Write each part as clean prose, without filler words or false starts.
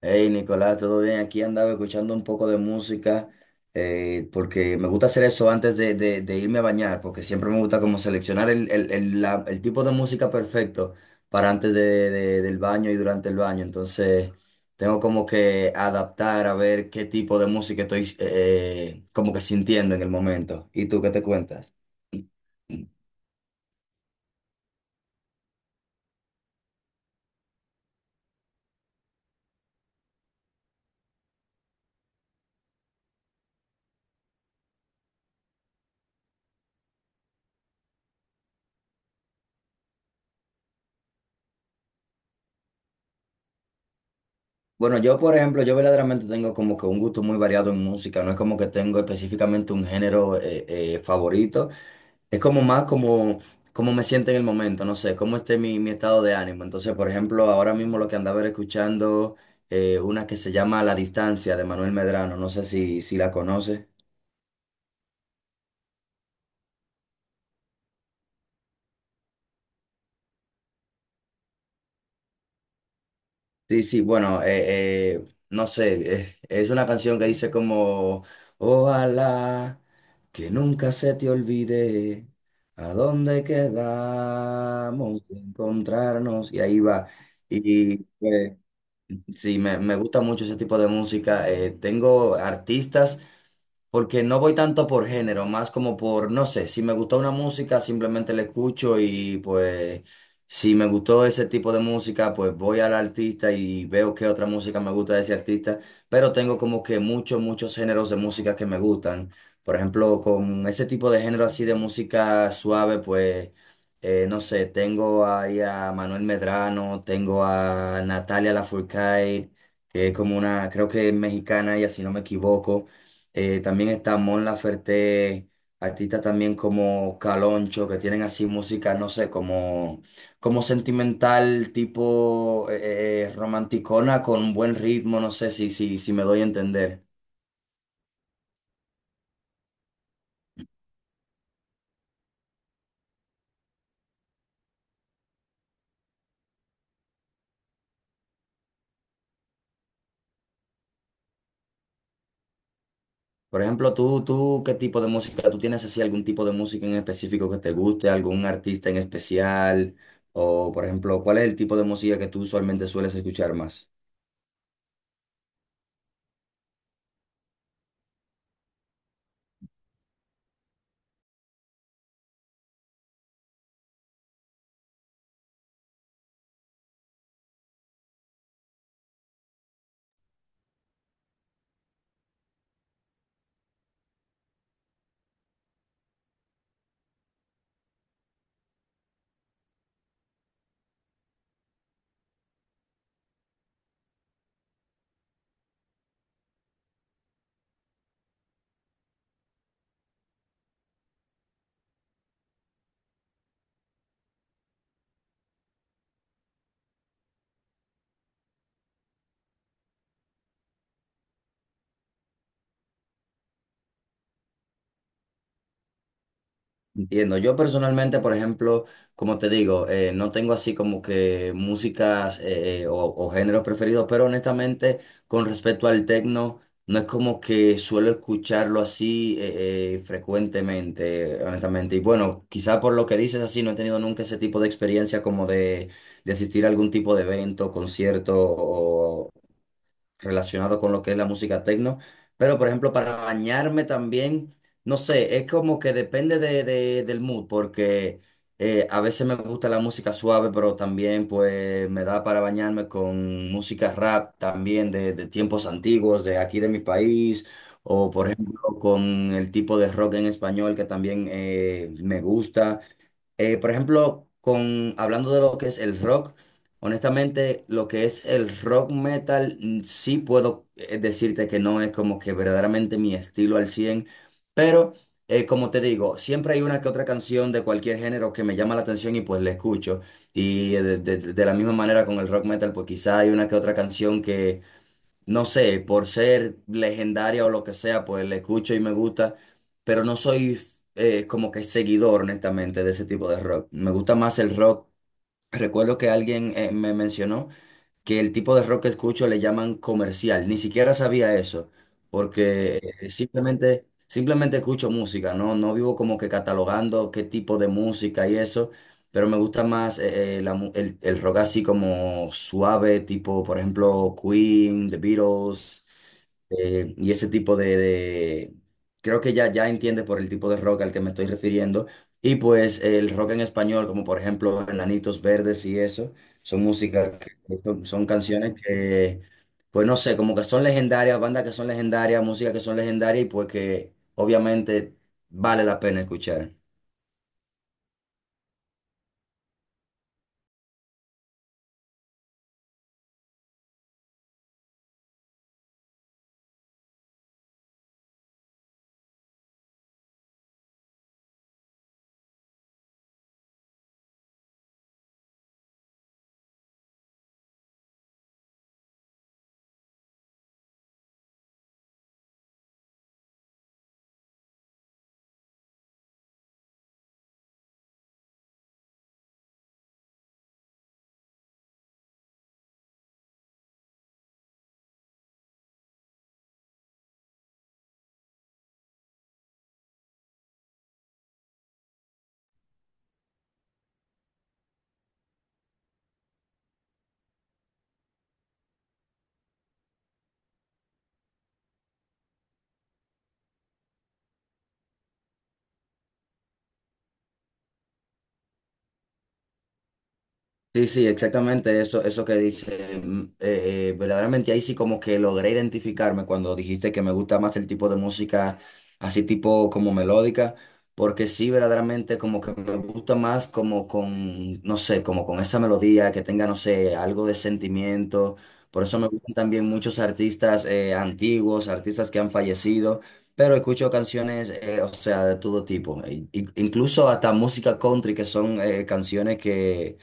Hey Nicolás, ¿todo bien? Aquí andaba escuchando un poco de música porque me gusta hacer eso antes de irme a bañar, porque siempre me gusta como seleccionar el tipo de música perfecto para antes del baño y durante el baño. Entonces tengo como que adaptar a ver qué tipo de música estoy como que sintiendo en el momento. ¿Y tú qué te cuentas? Bueno, yo por ejemplo, yo verdaderamente tengo como que un gusto muy variado en música, no es como que tengo específicamente un género favorito, es como más como, como me siento en el momento, no sé, cómo esté mi estado de ánimo. Entonces, por ejemplo, ahora mismo lo que andaba era escuchando una que se llama La Distancia de Manuel Medrano, no sé si la conoces. Sí, sí, bueno, no sé, es una canción que dice como, ojalá que nunca se te olvide a dónde quedamos de encontrarnos, y ahí va. Y sí, me gusta mucho ese tipo de música. Tengo artistas. Porque no voy tanto por género, más como por, no sé, si me gustó una música, simplemente la escucho y pues si me gustó ese tipo de música, pues voy al artista y veo qué otra música me gusta de ese artista, pero tengo como que muchos géneros de música que me gustan. Por ejemplo, con ese tipo de género así de música suave, pues, no sé, tengo ahí a Manuel Medrano, tengo a Natalia Lafourcade, que es como una, creo que es mexicana ella, si no me equivoco. También está Mon Laferte, artistas también como Caloncho, que tienen así música, no sé, como, como sentimental, tipo romanticona con buen ritmo, no sé si me doy a entender. Por ejemplo, tú, ¿qué tipo de música? ¿Tú tienes así algún tipo de música en específico que te guste, algún artista en especial? O, por ejemplo, ¿cuál es el tipo de música que tú usualmente sueles escuchar más? Entiendo. Yo personalmente, por ejemplo, como te digo, no tengo así como que músicas o géneros preferidos, pero honestamente, con respecto al techno, no es como que suelo escucharlo así frecuentemente, honestamente. Y bueno, quizá por lo que dices así, no he tenido nunca ese tipo de experiencia como de asistir a algún tipo de evento, concierto relacionado con lo que es la música techno. Pero, por ejemplo, para bañarme también, no sé, es como que depende del mood, porque a veces me gusta la música suave, pero también pues me da para bañarme con música rap también de tiempos antiguos, de aquí de mi país, o por ejemplo con el tipo de rock en español que también me gusta. Por ejemplo, con, hablando de lo que es el rock, honestamente, lo que es el rock metal, sí puedo decirte que no es como que verdaderamente mi estilo al 100 pero como te digo, siempre hay una que otra canción de cualquier género que me llama la atención y pues la escucho. Y de, de la misma manera con el rock metal, pues quizá hay una que otra canción que no sé, por ser legendaria o lo que sea, pues la escucho y me gusta, pero no soy como que seguidor, honestamente, de ese tipo de rock. Me gusta más el rock. Recuerdo que alguien me mencionó que el tipo de rock que escucho le llaman comercial. Ni siquiera sabía eso, porque simplemente escucho música, ¿no? No vivo como que catalogando qué tipo de música y eso, pero me gusta más el rock así como suave, tipo, por ejemplo, Queen, The Beatles. Y ese tipo de, creo que ya entiende por el tipo de rock al que me estoy refiriendo. Y pues el rock en español, como por ejemplo Enanitos Verdes y eso, son músicas, son, son canciones que, pues no sé, como que son legendarias, bandas que son legendarias, música que son legendarias y pues que obviamente vale la pena escuchar. Sí, sí, exactamente eso, eso que dice. Verdaderamente ahí sí como que logré identificarme cuando dijiste que me gusta más el tipo de música así tipo como melódica, porque sí verdaderamente como que me gusta más como con, no sé, como con esa melodía que tenga, no sé, algo de sentimiento. Por eso me gustan también muchos artistas antiguos, artistas que han fallecido, pero escucho canciones, o sea, de todo tipo, incluso hasta música country, que son canciones que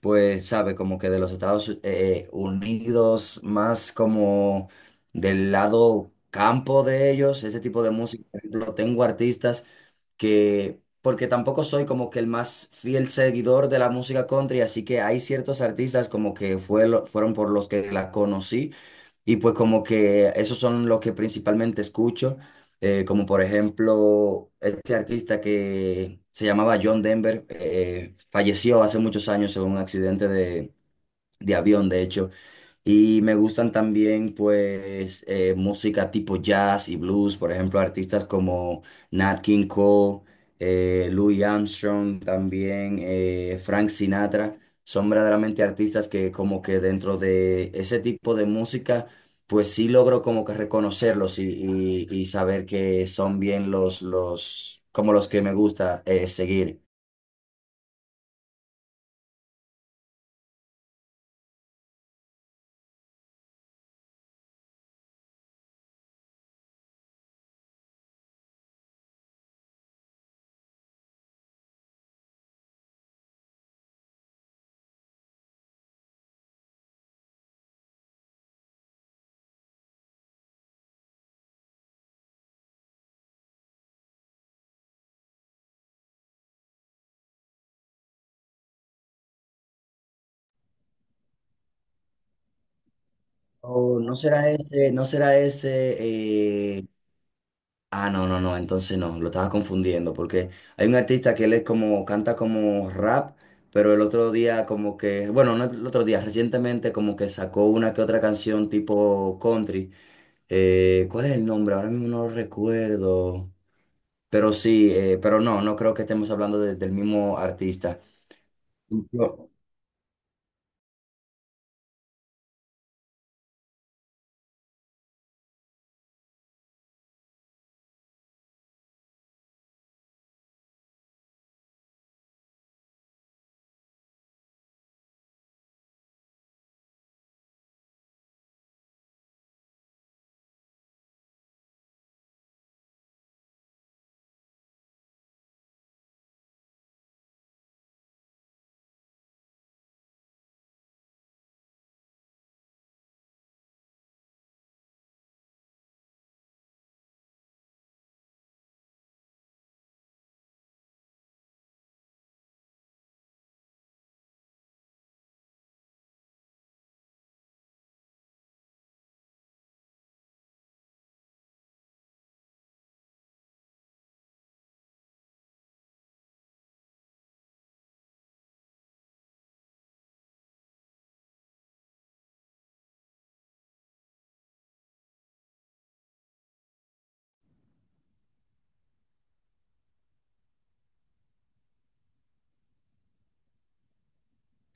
pues, sabe, como que de los Estados Unidos, más como del lado campo de ellos, ese tipo de música. Por ejemplo, tengo artistas que, porque tampoco soy como que el más fiel seguidor de la música country, así que hay ciertos artistas como que fueron por los que la conocí. Y pues como que esos son los que principalmente escucho, como por ejemplo este artista que se llamaba John Denver, falleció hace muchos años en un accidente de avión, de hecho, y me gustan también, pues, música tipo jazz y blues, por ejemplo, artistas como Nat King Cole, Louis Armstrong, también Frank Sinatra. Son verdaderamente artistas que como que dentro de ese tipo de música, pues sí logro como que reconocerlos y, y saber que son bien los, como los que me gusta seguir. O no será ese, no será ese. Ah, no, no, no, entonces no, lo estaba confundiendo, porque hay un artista que él es como, canta como rap, pero el otro día como que, bueno, no el otro día, recientemente como que sacó una que otra canción tipo country. ¿Cuál es el nombre? Ahora mismo no lo recuerdo. Pero sí, pero no, no creo que estemos hablando del mismo artista. Yo-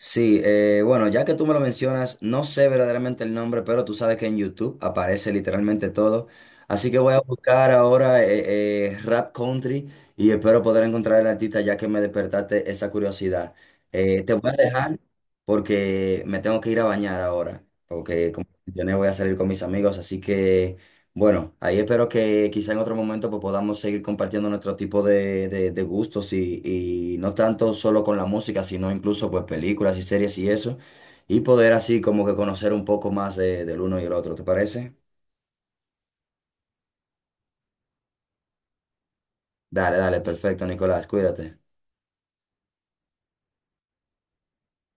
Sí, bueno, ya que tú me lo mencionas, no sé verdaderamente el nombre, pero tú sabes que en YouTube aparece literalmente todo. Así que voy a buscar ahora Rap Country y espero poder encontrar el artista ya que me despertaste esa curiosidad. Te voy a dejar porque me tengo que ir a bañar ahora, porque como mencioné voy a salir con mis amigos, así que bueno, ahí espero que quizá en otro momento pues, podamos seguir compartiendo nuestro tipo de, de gustos y no tanto solo con la música, sino incluso pues películas y series y eso, y poder así como que conocer un poco más del uno y el otro, ¿te parece? Dale, dale, perfecto, Nicolás, cuídate.